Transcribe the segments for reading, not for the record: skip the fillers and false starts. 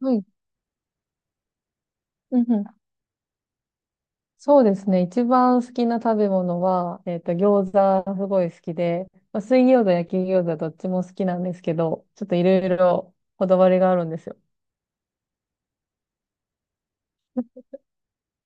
はい。うんうん。そうですね。一番好きな食べ物は、餃子すごい好きで、まあ、水餃子、焼き餃子どっちも好きなんですけど、ちょっといろいろこだわりがあるんですよ。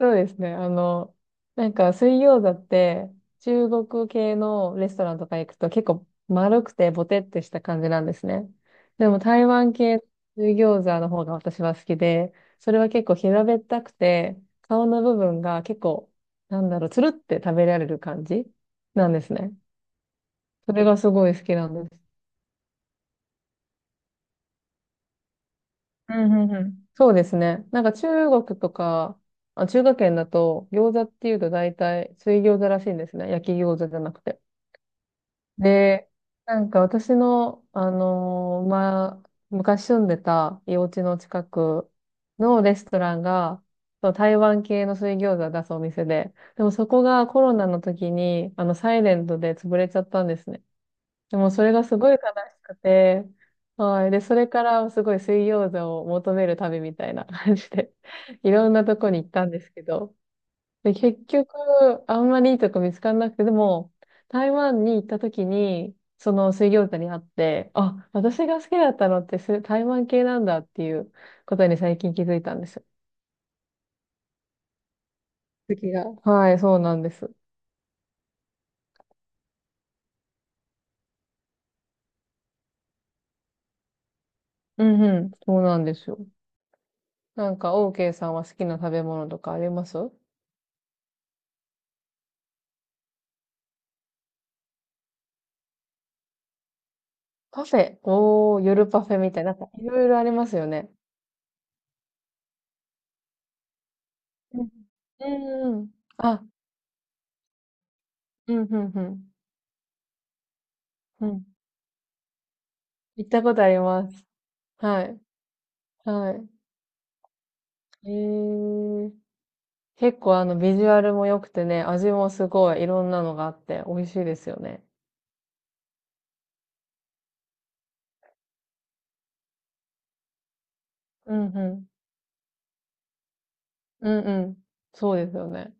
そうですね。なんか水餃子って中国系のレストランとか行くと結構丸くてボテってした感じなんですね。でも台湾系の水餃子の方が私は好きで、それは結構平べったくて、顔の部分が結構、なんだろう、つるって食べられる感じなんですね。それがすごい好きなんです。うんうんうん。そうですね。なんか中国とか、あ、中華圏だと餃子っていうと大体水餃子らしいんですね。焼き餃子じゃなくて。で、なんか私の、まあ、昔住んでたお家の近くのレストランが、そう台湾系の水餃子を出すお店で、でもそこがコロナの時に、サイレントで潰れちゃったんですね。でもそれがすごい悲しくて、はい。で、それからすごい水餃子を求める旅みたいな感じで、いろんなとこに行ったんですけど、で、結局、あんまりいいとこ見つからなくて、でも、台湾に行った時に、その水餃子に会って、あ、私が好きだったのってす台湾系なんだっていうことに最近気づいたんですよ。次が。はい、そうなんです。うんうん、そうなんですよ。なんか、OK さんは好きな食べ物とかあります？パフェ。おー、夜パフェみたいな、なんかいろいろありますよね。うんうんうん。あ、うんうんうん。うん。行ったことあります。はい。はい。へえ。結構あのビジュアルも良くてね、味もすごいいろんなのがあって美味しいですよね。うんうん。うんうん。そうですよね。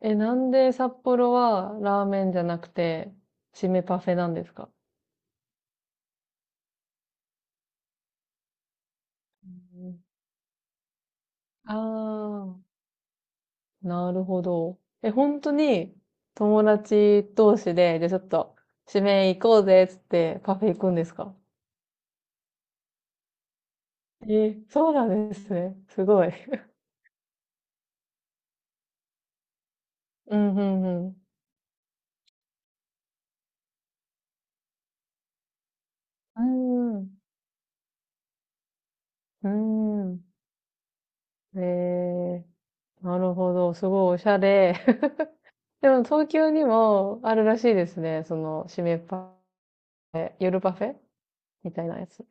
え、なんで札幌はラーメンじゃなくて、締めパフェなんですか？ああー、なるほど。え、本当に友達同士で、じゃあちょっと締め行こうぜっつってパフェ行くんですか？え、そうなんですね。すごい。うんうんうん。うん。うん。ええ、なるほど。すごいおしゃれ。でも東京にもあるらしいですね。その、締めパフェ、夜パフェみたいなやつ。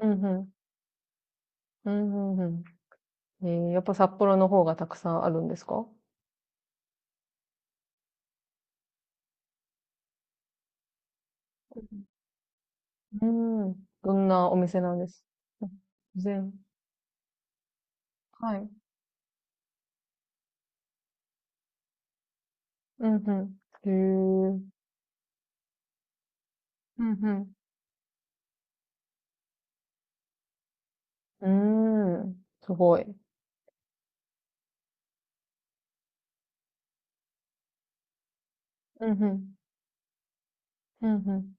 うんうん。うんうんうん。やっぱ札幌の方がたくさんあるんですか？うん。うん。どんなお店なんです？うん。全。はい。うんうん。へえ。うんうん。うーん。すごい。うんうん。うんうん。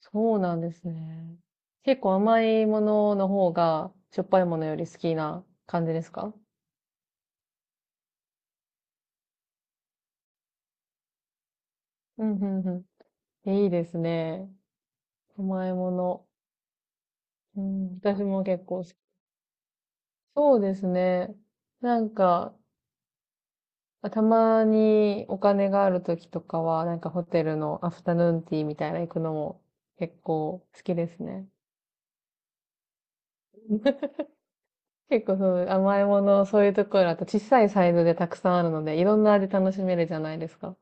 そうなんですね。結構甘いものの方が、しょっぱいものより好きな感じですか？うん、うん、うん。いいですね。甘いもの。うん、私も結構好き。そうですね。なんか、たまにお金がある時とかは、なんかホテルのアフタヌーンティーみたいな行くのも結構好きですね。結構その甘いもの、そういうところだと小さいサイズでたくさんあるので、いろんな味楽しめるじゃないですか。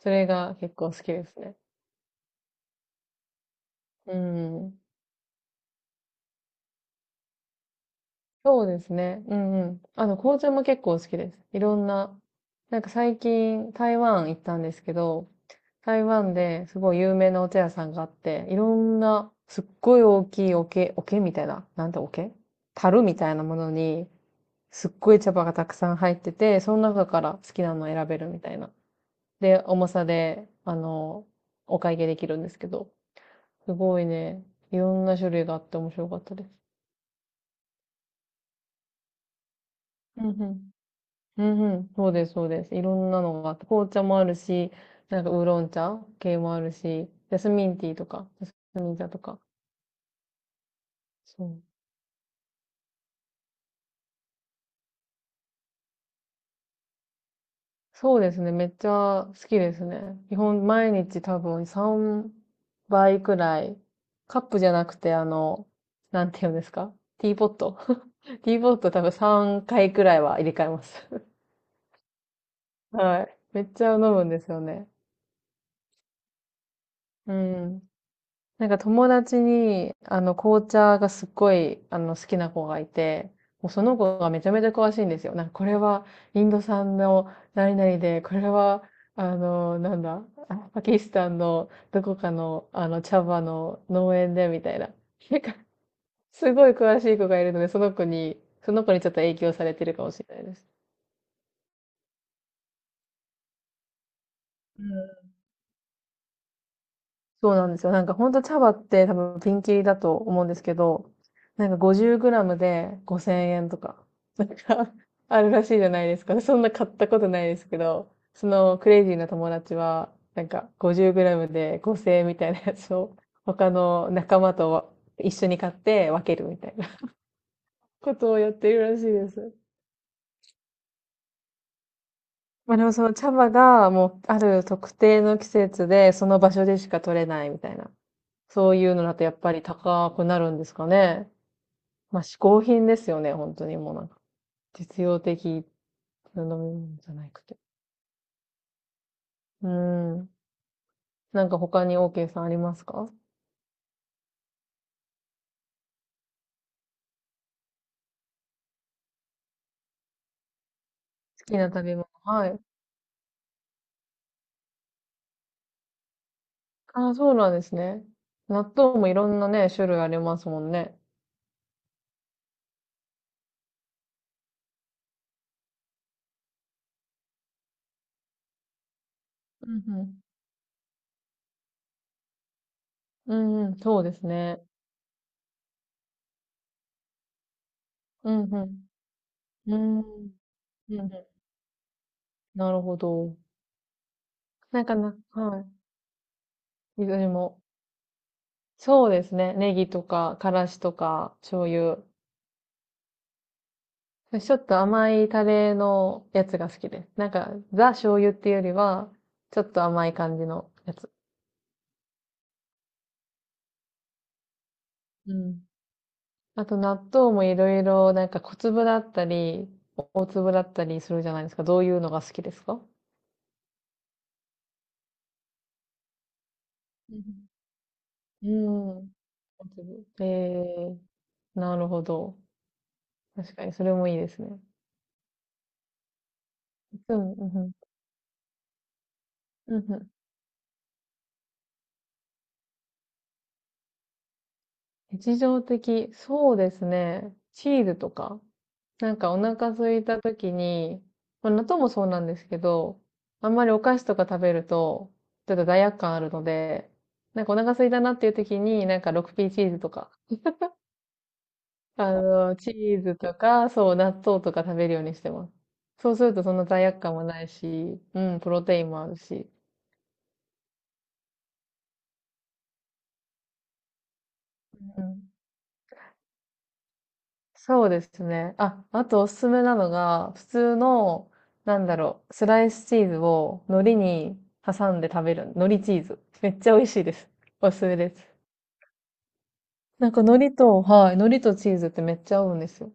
それが結構好きですね。うん。そうですね。うんうん。紅茶も結構好きです。いろんな、なんか最近台湾行ったんですけど、台湾ですごい有名なお茶屋さんがあって、いろんなすっごい大きい桶、桶みたいな、なんて桶樽みたいなものに、すっごい茶葉がたくさん入ってて、その中から好きなのを選べるみたいな。で、重さで、お会計できるんですけど、すごいね、いろんな種類があって面白かったです。うんうん。うんうん。そうです、そうです。いろんなのがあって、紅茶もあるし、なんかウーロン茶系もあるし、ジャスミンティーとか、ジャスミン茶とか。そう。そうですね、めっちゃ好きですね。基本毎日多分3倍くらい、カップじゃなくてなんていうんですか？ティーポット。 ティーポット多分3回くらいは入れ替えます。はい。めっちゃ飲むんですよね。うん。なんか友達に、紅茶がすっごい、好きな子がいて、もうその子がめちゃめちゃ詳しいんですよ。なんかこれはインド産の何々で、これは、あの、なんだ、あパキスタンのどこかの、茶葉の農園で、みたいな。なんか、すごい詳しい子がいるので、その子にちょっと影響されてるかもしれないです。そうなんですよ。なんかほんと茶葉って多分ピンキリだと思うんですけど、なんか50グラムで5000円とか、なんか あるらしいじゃないですか。そんな買ったことないですけど、そのクレイジーな友達は、なんか50グラムで5000円みたいなやつを他の仲間と一緒に買って分けるみたいな ことをやってるらしいです。まあでもその茶葉がもうある特定の季節でその場所でしか取れないみたいな、そういうのだとやっぱり高くなるんですかね。まあ、嗜好品ですよね、本当にもうなんか。実用的な飲み物じゃなくて。うーん。なんか他に OK さんありますか？好きな食べ物。はい。ああ、そうなんですね。納豆もいろんなね、種類ありますもんね。うんうん。うんうん、そうですね。うんうん。うーん。うんうん。なるほど。なんかな、はい。いずれも。そうですね。ネギとか、からしとか、醤油。ちょっと甘いタレのやつが好きです。なんか、ザ醤油っていうよりは、ちょっと甘い感じのやつ。うん。あと納豆もいろいろ、なんか小粒だったり、大粒だったりするじゃないですか。どういうのが好きですか？うんうん。大粒。なるほど。確かに、それもいいですね。うん、うん、うん。うんうん。日常的、そうですね。チーズとか。なんかお腹空いた時に、まあ、納豆もそうなんですけど、あんまりお菓子とか食べると、ちょっと罪悪感あるので、なんかお腹空いたなっていう時に、なんか 6P チーズとか、チーズとか、そう、納豆とか食べるようにしてます。そうするとそんな罪悪感もないし、うん、プロテインもあるし。うん。そうですね。あ、あとおすすめなのが、普通の、なんだろう、スライスチーズを海苔に挟んで食べる、海苔チーズ。めっちゃ美味しいです。おすすめです。なんか海苔と、はい、海苔とチーズってめっちゃ合うんですよ。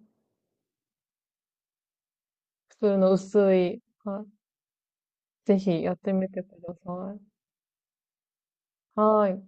普通の薄い。はい。ぜひやってみてください。はい。